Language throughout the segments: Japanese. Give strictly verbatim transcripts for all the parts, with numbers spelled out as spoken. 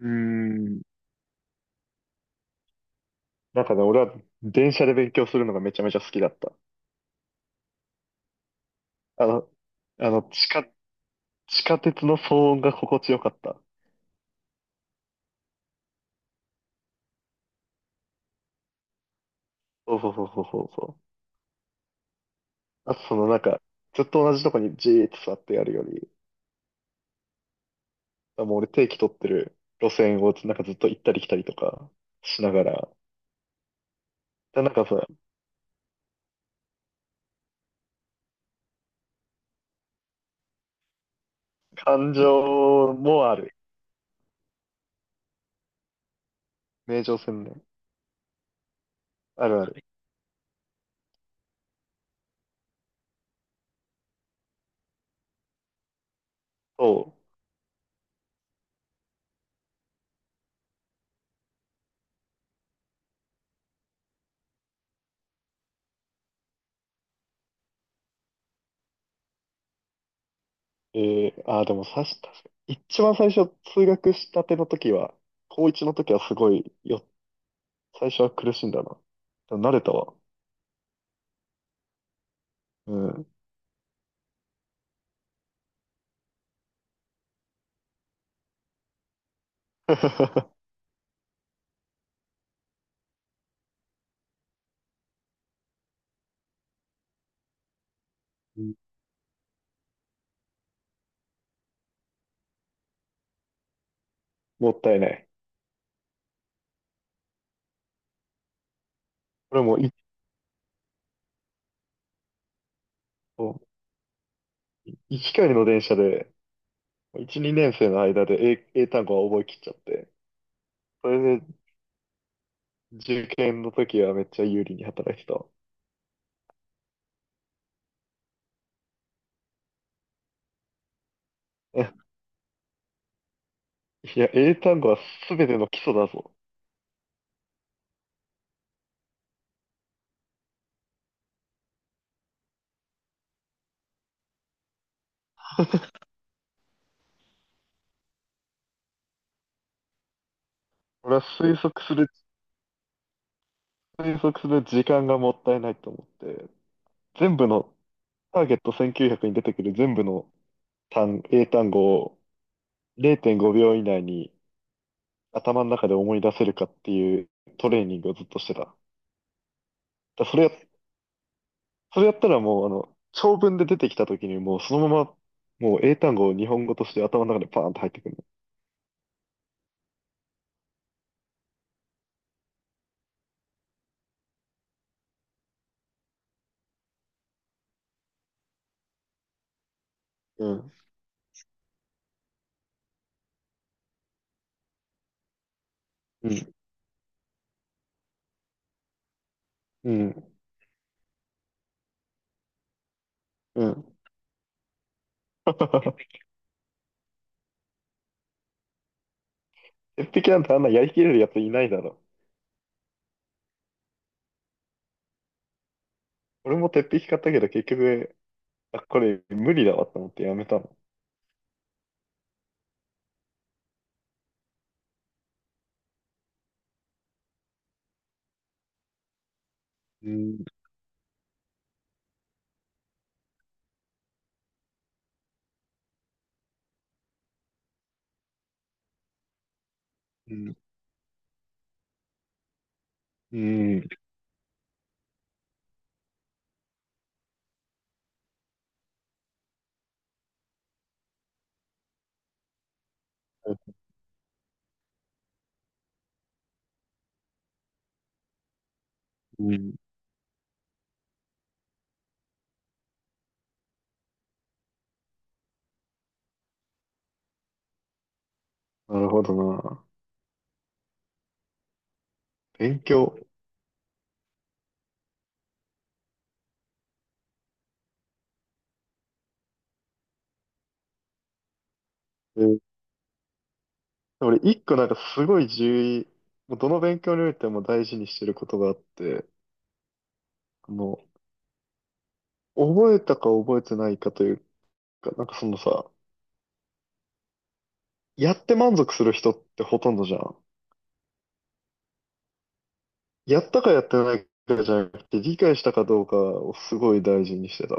うーん。なんかね、俺は電車で勉強するのがめちゃめちゃ好きだった。あの、あの、地下、地下鉄の騒音が心地よかった。そうそうそうそうそうそう。あとそのなんか、ずっと同じとこにじーっと座ってやるより、あもう俺定期取ってる路線をなんかずっと行ったり来たりとかしながら、で、なんかさ、感情もある。名城線ね。あるある。そう。えー、あー、でもさし、確かに一番最初通学したての時は、高いちの時はすごいよ。最初は苦しんだな。でも慣れたわ。うん。うん。もったいない。俺もい、いっかいの電車で、いち、にねん生の間で英、英単語は覚えきっちゃって、それで受験の時はめっちゃ有利に働いてたわ。えいや、英単語は全ての基礎だぞ。俺は推測する、推測する時間がもったいないと思って、全部の、ターゲットせんきゅうひゃくに出てくる全部の単、英単語をれいてんごびょう以内に頭の中で思い出せるかっていうトレーニングをずっとしてた。だからそれや、それやったらもう、あの、長文で出てきた時にもうそのまま、もう英単語を日本語として頭の中でパーンと入ってくるの。うん、うん、うん、うん。鉄壁なんてあんなやりきれるやついないだろ。俺も鉄壁買ったけど結局、あ、これ無理だわと思ってやめたの。うん、うん、うん、うん。なるほどな。勉強。俺、一個なんかすごい重要、もうどの勉強においても大事にしてることがあって、もう、覚えたか覚えてないかというか、なんかそのさ、やって満足する人ってほとんどじゃん。やったかやってないかじゃなくて、理解したかどうかをすごい大事にしてた。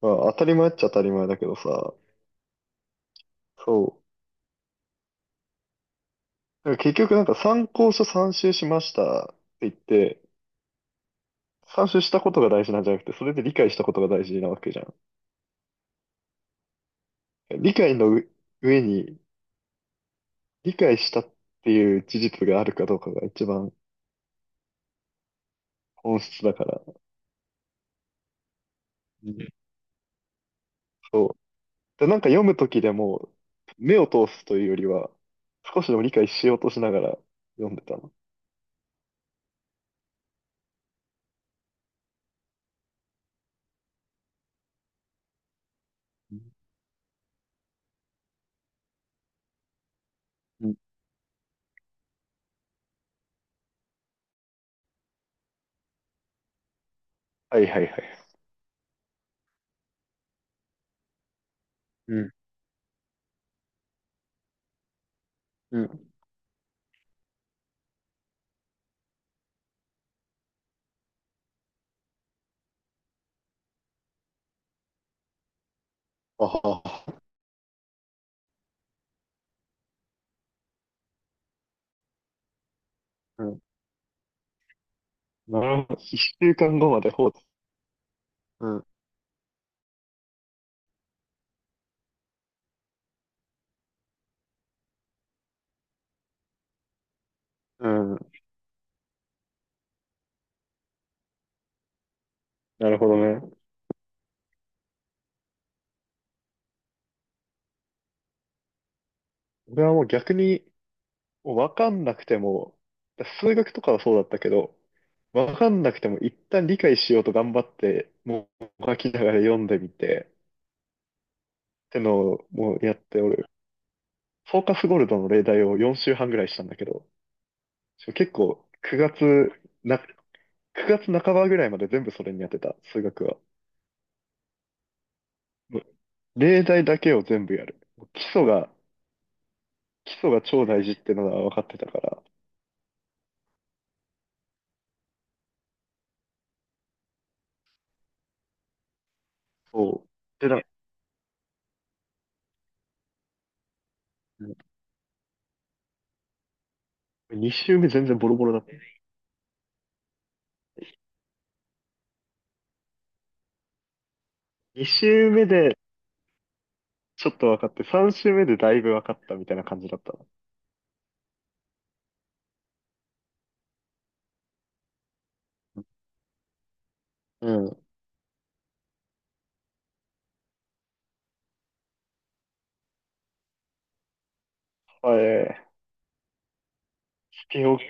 まあ、当たり前っちゃ当たり前だけどさ、そう。だから結局なんか参考書参集しましたって言って、参集したことが大事なんじゃなくて、それで理解したことが大事なわけじゃん。理解のう上に理解したっていう事実があるかどうかが一番本質だから。うん、そう。で、なんか読むときでも、目を通すというよりは、少しでも理解しようとしながら読んでたの。うん、うん、はいはいはい。うん。うん。あは、うん。なるほど。一週間後まで放置。うん。うん。なるほどね。俺はもう逆に、わかんなくても、数学とかはそうだったけど、わかんなくても一旦理解しようと頑張って、もう書きながら読んでみて、ってのをもうやって、俺、フォーカスゴールドの例題をよん週半ぐらいしたんだけど、結構くがつな、くがつなかばぐらいまで全部それにやってた、数学は。もう例題だけを全部やる。基礎が、基礎が超大事ってのは分かってたから、そう。で、な、に週目全然ボロボロだった。に週目で、ちょっと分かって、さん周目でだいぶ分かったみたいな感じだったの。うん、あ、えー、スピンオフ、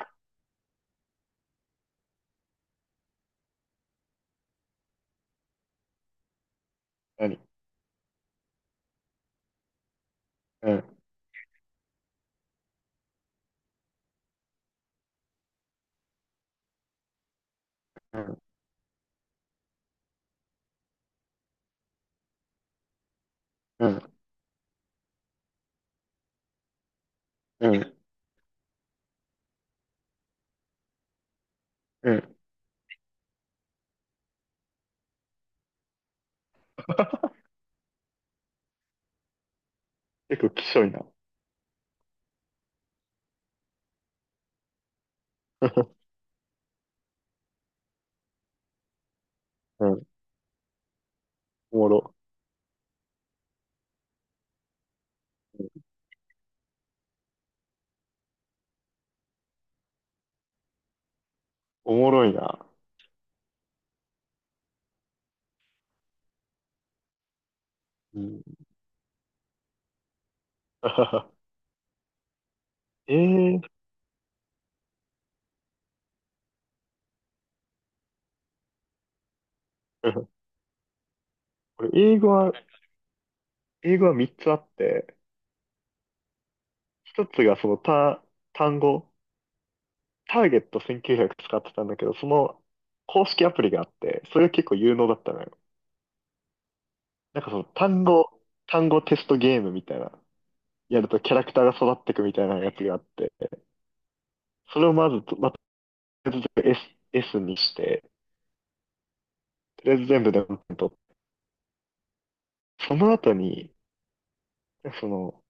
何、うん、うん、うん、うん、うん。結構きしょいな。うん、おもろ。うん、おもろいな。うん。ええー、うん、俺、英語は、英語はみっつあって、ひとつがそのた単語、ターゲットせんきゅうひゃく使ってたんだけど、その公式アプリがあって、それが結構有能だったのよ。なんかその単語、単語テストゲームみたいな。やるとキャラクターが育ってくみたいなやつがあって、それをまずと、まあ、とりあえず S、S にして、とりあえず全部でよんてん取って、その後に、その、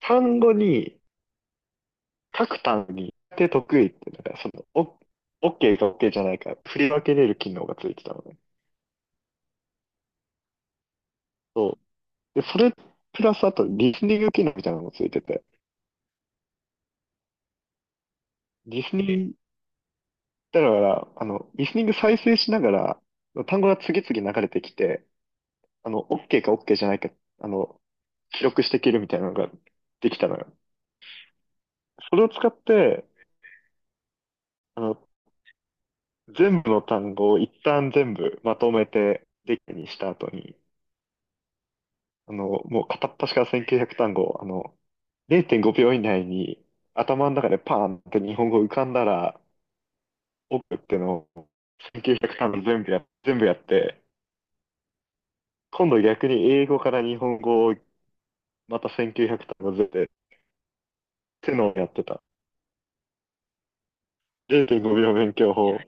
単語に、各単語に、で得意って、なんかその、お、OK か OK じゃないか、振り分けれる機能がついてたのね。そう。で、それ、プラスあと、リスニング機能みたいなのもついてて、リスニング、だから、あの、リスニング再生しながら、単語が次々流れてきて、あの、OK か OK じゃないか、あの、記録していけるみたいなのができたのよ。それを使って、あの、全部の単語を一旦全部まとめてデッキにした後に、あの、もう片っ端からせんきゅうひゃく単語、あの、れいてんごびょう以内に頭の中でパーンって日本語浮かんだら、奥ってのをせんきゅうひゃく単語全部や、全部やって、今度逆に英語から日本語をまたせんきゅうひゃく単語全部でってのをやってた。れいてんごびょう勉強法。